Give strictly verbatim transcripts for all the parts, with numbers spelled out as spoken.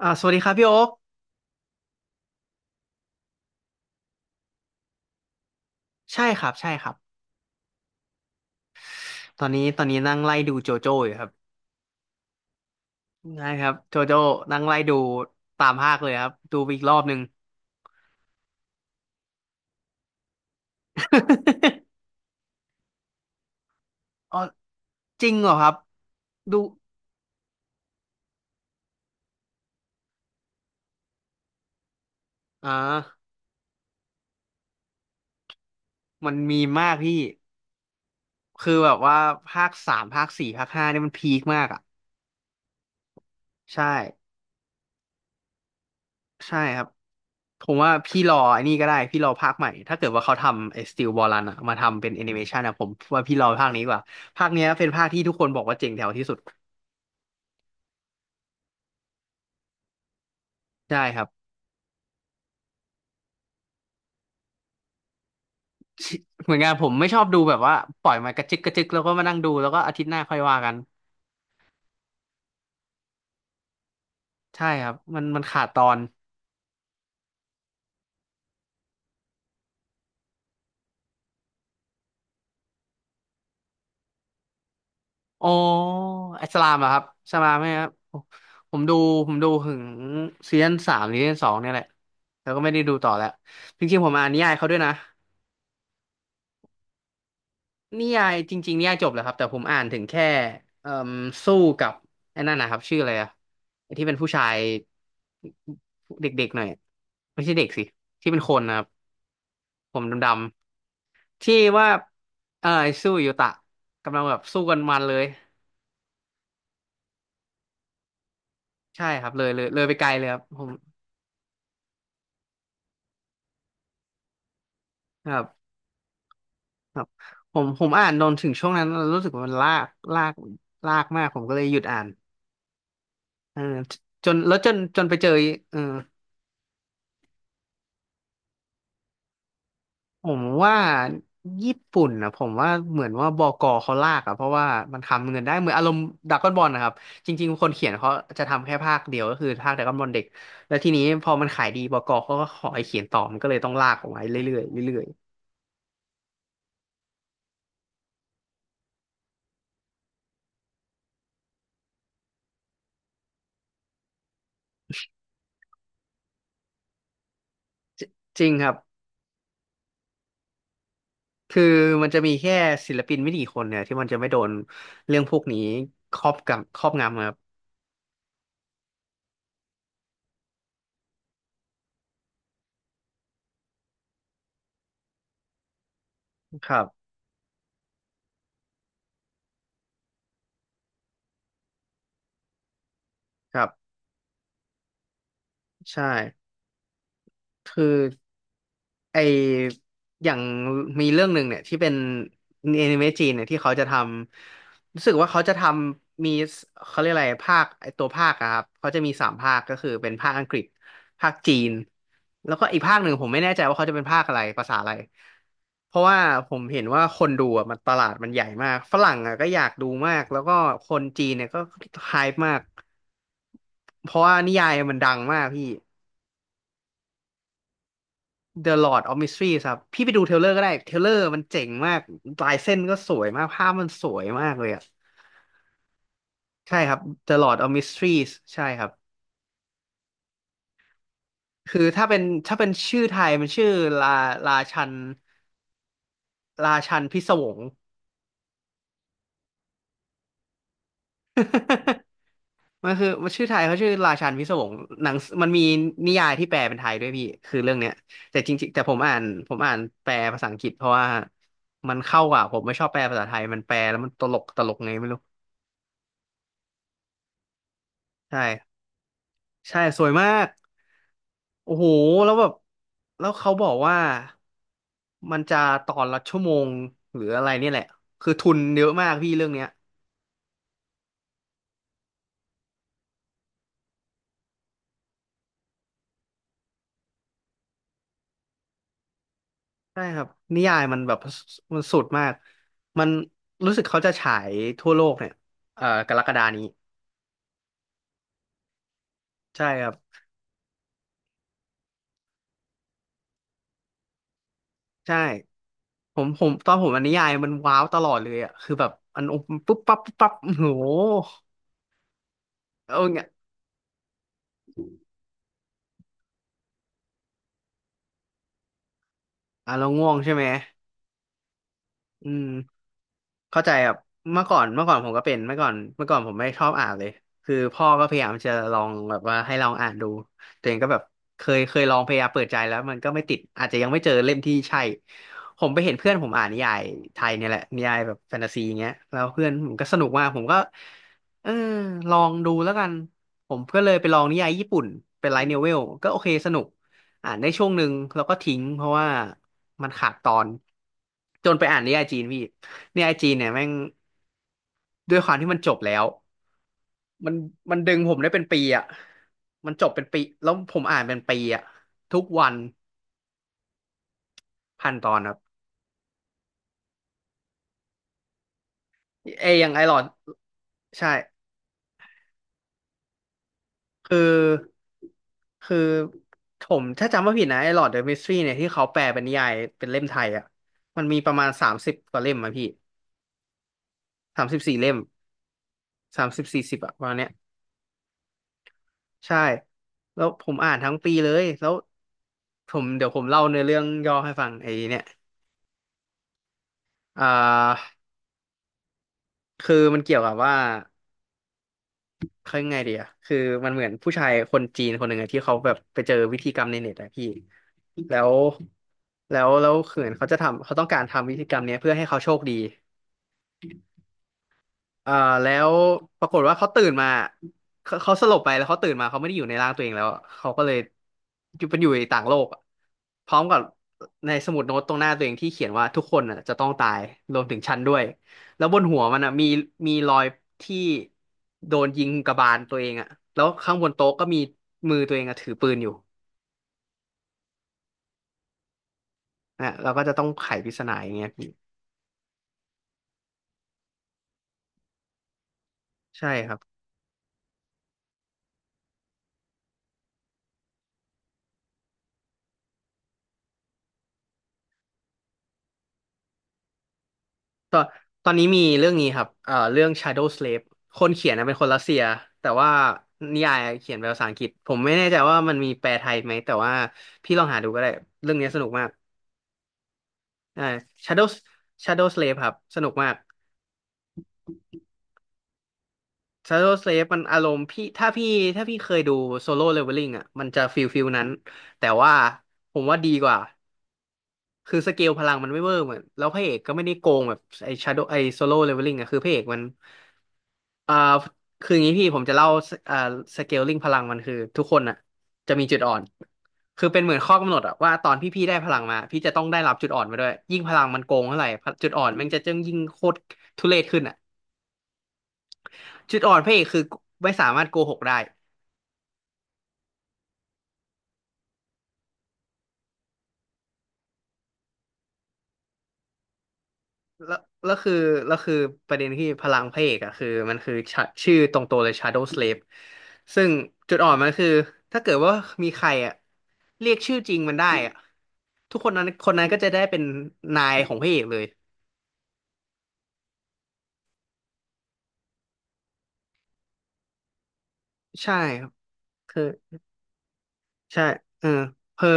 อ่าสวัสดีครับพี่โอ๊คใช่ครับใช่ครับตอนนี้ตอนนี้นั่งไล่ดูโจโจ้อยู่ครับใช่ครับโจโจ้นั่งไล่ดูตามภาคเลยครับดูไปอีกรอบหนึ่ง อ๋อจริงเหรอครับดูอ่ามันมีมากพี่คือแบบว่าภาคสามภาคสี่ภาคห้าเนี่ยมันพีคมากอ่ะใช่ใช่ครับผมว่าพี่รอไอ้นี่ก็ได้พี่รอภาคใหม่ถ้าเกิดว่าเขาทำไอ้สติ a บอลันอะมาทำเป็นแอนิเมชันอะผมว่าพี่รอภาคนี้ดีกว่าภาคเนี้ยเป็นภาคที่ทุกคนบอกว่าเจ๋งแถวที่สุด ได้ครับ เหมือนกันผมไม่ชอบดูแบบว่าปล่อยมากระจึกกระจึกแล้วก็มานั่งดูแล้วก็อาทิตย์หน้าค่อยว่ากันใช่ครับมันมันขาดตอนอ๋ออิสลามเหรอครับอิสลามไหมครับผมผมดูผมดูถึงซีซั่นสามหรือซีซั่นสองเนี่ยแหละแล้วก็ไม่ได้ดูต่อแล้วจริงๆผมอ่านนิยายเขาด้วยนะ นิยายจริงๆนิยายจบแล้วครับแต่ผมอ่านถึงแค่เอ่มสู้กับไอ้นั่นนะครับชื่ออะไรอะไอ้ที่เป็นผู้ชายเด็กๆหน่อยอะไม่ใช่เด็กสิที่เป็นคนนะครับผมดำๆที่ว่าเออไอ้สู้ยูตะกำลังแบบสู้กันมันเลยใช่ครับเลยเลยเลยไปไกลเลยครับผมครับครับผมผมอ่านนนถึงช่วงนั้นแล้วรู้สึกว่ามันลากลากลากมากผมก็เลยหยุดอ่านเออจนแล้วจนจนไปเจอเออ ผมว่าญี่ปุ่นนะผมว่าเหมือนว่าบกเขาลากอะเพราะว่ามันทำเงินได้เหมือนอารมณ์ดราก้อนบอลนะครับจริงๆคนเขียนเขาจะทำแค่ภาคเดียวก็คือภาคดราก้อนบอลเด็กแล้วทีนี้พอมันขายดีบกเขาก็ขอให้เขียนต่อมันก็เลยต้องลากออกมาเรื่อยๆเรื่อยๆจริงครับคือมันจะมีแค่ศิลปินไม่กี่คนเนี่ยที่มันจะไม่โดนเรื่องพวกนี้ครอบกับครอบงำครับครับครับใช่คือ ไออย่างมีเรื่องหนึ่งเนี่ยที่เป็นแอนิเมะจีนเนี่ยที่เขาจะทำรู้สึกว่าเขาจะทำมีเขาเรียกอะไรภาคไอตัวภาคอะครับเขาจะมีสามภาคก็คือเป็นภาคอังกฤษภาคจีนแล้วก็อีกภาคหนึ่งผมไม่แน่ใจว่าเขาจะเป็นภาคอะไรภาษาอะไรเพราะว่าผมเห็นว่าคนดูอะมันตลาดมันใหญ่มากฝรั่งอะก็อยากดูมากแล้วก็คนจีนเนี่ยก็ไฮป์มากเพราะว่านิยายมันดังมากพี่ The Lord of Mystery ครับพี่ไปดูเทรลเลอร์ก็ได้เทรลเลอร์มันเจ๋งมากลายเส้นก็สวยมากภาพมันสวยมากเลยอ่ะใช่ครับ The Lord of Mysteries ใช่ครับคือถ้าเป็นถ้าเป็นชื่อไทยมันชื่อลาลาชันลาชันพิศวง มันคือมันชื่อไทยเขาชื่อราชันพิศวงหนังมันมีนิยายที่แปลเป็นไทยด้วยพี่คือเรื่องเนี้ยแต่จริงๆแต่ผมอ่านผมอ่านแปลภาษาอังกฤษเพราะว่ามันเข้ากว่าผมไม่ชอบแปลภาษาไทยมันแปลแล้วมันตลกตลกไงไม่รู้ใช่ใช่สวยมาก โอ้โหแล้วแบบแล้วเขาบอกว่ามันจะตอนละชั่วโมงหรืออะไรเนี่ยแหละคือทุนเยอะมากพี่เรื่องเนี้ยใช่ครับนิยายมันแบบมันสุดมากมันรู้สึกเขาจะฉายทั่วโลกเนี่ยเอ่อกรกฎานี้ใช่ครับใช่ผมผมตอนผมอ่านนิยายมันว้าวตลอดเลยอ่ะคือแบบอันปุ๊บปั๊บปุ๊บปั๊บโอ้โหเอาเนี่ยอ่ะเราง่วงใช่ไหม อืมเข้าใจครับเมื่อก่อนเมื่อก่อนผมก็เป็นเมื่อก่อนเมื่อก่อนผมไม่ชอบอ่านเลยคือพ่อก็พยายามจะลองแบบว่าให้ลองอ่านดูตัวเองก็แบบเคยเคยลองพยายามเปิดใจแล้วมันก็ไม่ติดอาจจะยังไม่เจอเล่มที่ใช่ผมไปเห็นเพื่อนผมอ่านนิยายไทยเนี่ยแหละนิยายแบบแฟนตาซีอย่างเงี้ยแล้วเพื่อนผมก็สนุกมากผมก็เออลองดูแล้วกันผมก็เลยไปลองนิยายญี่ปุ่นเป็นไลท์โนเวลก็โอเคสนุกอ่านได้ช่วงหนึ่งแล้วก็ทิ้งเพราะว่า มันขาดตอนจนไปอ่านนิยายจีนพี่นิยายจีนเนี่ยแม่งด้วยความที่มันจบแล้วมันมันดึงผมได้เป็นปีอ่ะมันจบเป็นปีแล้วผมอ่านเป็นปีอ่ะทุกวันพันตอนครับเออย่างไอหลอดใช่คือคือผมถ้าจำไม่ผิดนะไอหลอดเดอะมิสทรีเนี่ยที่เขาแปลเป็นนิยายเป็นเล่มไทยอ่ะมันมีประมาณสามสิบกว่าเล่มอะพี่สามสิบสี่เล่มสามสิบสี่สิบอะประมาณเนี้ย ใช่ แล้วผมอ่านทั้งปีเลย แล้วผมเดี๋ยวผมเล่าในอเรื่องย่อให้ฟังไอ้เนี่ยอ่าคือมันเกี่ยวกับว่า เขายังไงดีอะคือมันเหมือนผู้ชายคนจีนคนหนึ่งอะที่เขาแบบไปเจอวิธีกรรมในเน็ตอะพี่แล้วแล้วแล้วคือเหมือนเขาจะทำเขาต้องการทำวิธีกรรมเนี้ยเพื่อให้เขาโชคดี เอ่อแล้วปรากฏว่าเขาตื่นมาเขาเขาสลบไปแล้วเขาตื่นมาเขาไม่ได้อยู่ในร่างตัวเองแล้วเขาก็เลยอยู่เป็นอยู่ในต่างโลกอะพร้อมกับในสมุดโน้ตตรงหน้าตัวเองที่เขียนว่าทุกคนน่ะจะต้องตายรวมถึงฉันด้วยแล้วบนหัวมันอ่ะมีมีรอยที่โดนยิงกระบาลตัวเองอ่ะแล้วข้างบนโต๊ะก็มีมือตัวเองอะถือปืนอยู่นะเราก็จะต้องไขปริศนาอย่างเงี้ยพี่ใช่ครับ ตอนตอนนี้มีเรื่องนี้ครับเอ่อเรื่อง Shadow Slave คนเขียนนะเป็นคนรัสเซียแต่ว่านิยายเขียนเป็นภาษาอังกฤษผมไม่แน่ใจว่ามันมีแปลไทยไหมแต่ว่าพี่ลองหาดูก็ได้เรื่องนี้สนุกมากอ่า Shadow Shadow Slave ครับสนุกมาก Shadow Slave มันอารมณ์พี่ถ้าพี่ถ้าพี่เคยดู Solo Leveling อ่ะมันจะฟิลฟิลนั้นแต่ว่าผมว่าดีกว่า คือสเกลพลังมันไม่เวอร์เหมือนแล้วพระเอกก็ไม่ได้โกงแบบไอ้ชาโดไอ้โซโล่เลเวลลิ่งอะคือพระเอกมันอ่าคืออย่างนี้พี่ผมจะเล่าสอ่าสเกลลิ่งพลังมันคือทุกคนอ่ะจะมีจุดอ่อน คือเป็นเหมือนข้อกำหนดอะว่าตอนพี่พี่ได้พลังมา พี่จะต้องได้รับจุดอ่อนมาด้วยยิ่งพลังมันโกงเท่าไหร่จุดอ่อนมันจะจึงยิ่งโคตรทุเรศขึ้นอะจุดอ่อนพระเอกคือไม่สามารถโกหกได้ แล้วแล้วคือแล้วคือประเด็นที่พลังพระเอกอะคือมันคือชะชื่อตรงตัวเลย Shadow Slave ซึ่งจุดอ่อนมันคือถ้าเกิดว่ามีใครอะเรียกชื่อจริงมันได้อะทุกคนนั้นคนนั้นก็จะได้เป็นนายของพระเอกเลยใช่ครับ ใช่เออเพอ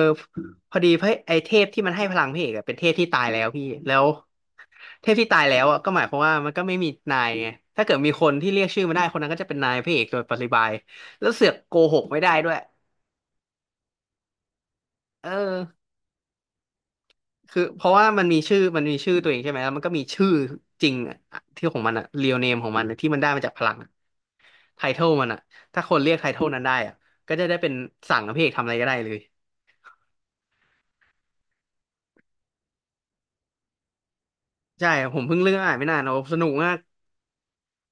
พอดีพระไอเทพที่มันให้พลังพี่เอกอะเป็นเทพที่ตายแล้วพี่แล้วเทพที่ตายแล้วอ่ะก็หมายความว่ามันก็ไม่มีนายไงถ้าเกิดมีคนที่เรียกชื่อมันได้คนนั้นก็จะเป็นนายพระเอกโดยปริยายแล้วเสือกโกหกไม่ได้ด้วยเออคือเพราะว่ามันมีชื่อ มันมีชื่อตัวเองใช่ไหมแล้วมันก็มีชื่อจริงอะที่ของมันอะเรียลเนมของมันอะที่มันได้มาจากพลังไทเทลมันอะถ้าคนเรียกไทเทลนั้นได้อ่ะก็จะได้เป็นสั่งให้พระเอกทำอะไรก็ได้เลยใช่ผมเพิ่งเลือกอ่านไม่นานโอ้สนุกมาก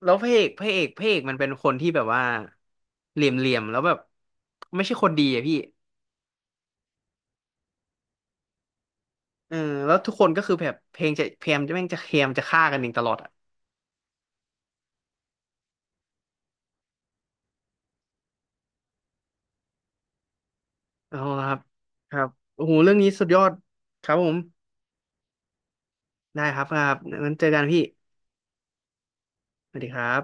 แล้วพระเอกพระเอกพระเอกมันเป็นคนที่แบบว่าเหลี่ยมเหลี่ยมแล้วแบบไม่ใช่คนดีอะพี่เออแล้วทุกคนก็คือแบบเพลงจะพยายามจะแม่งจะพยายามจะฆ่ากันเองตลอดอะเอาละครับครับโอ้โหเรื่องนี้สุดยอดครับผมได้ครับครับงั้นเจอกันพี่สวัสดีครับ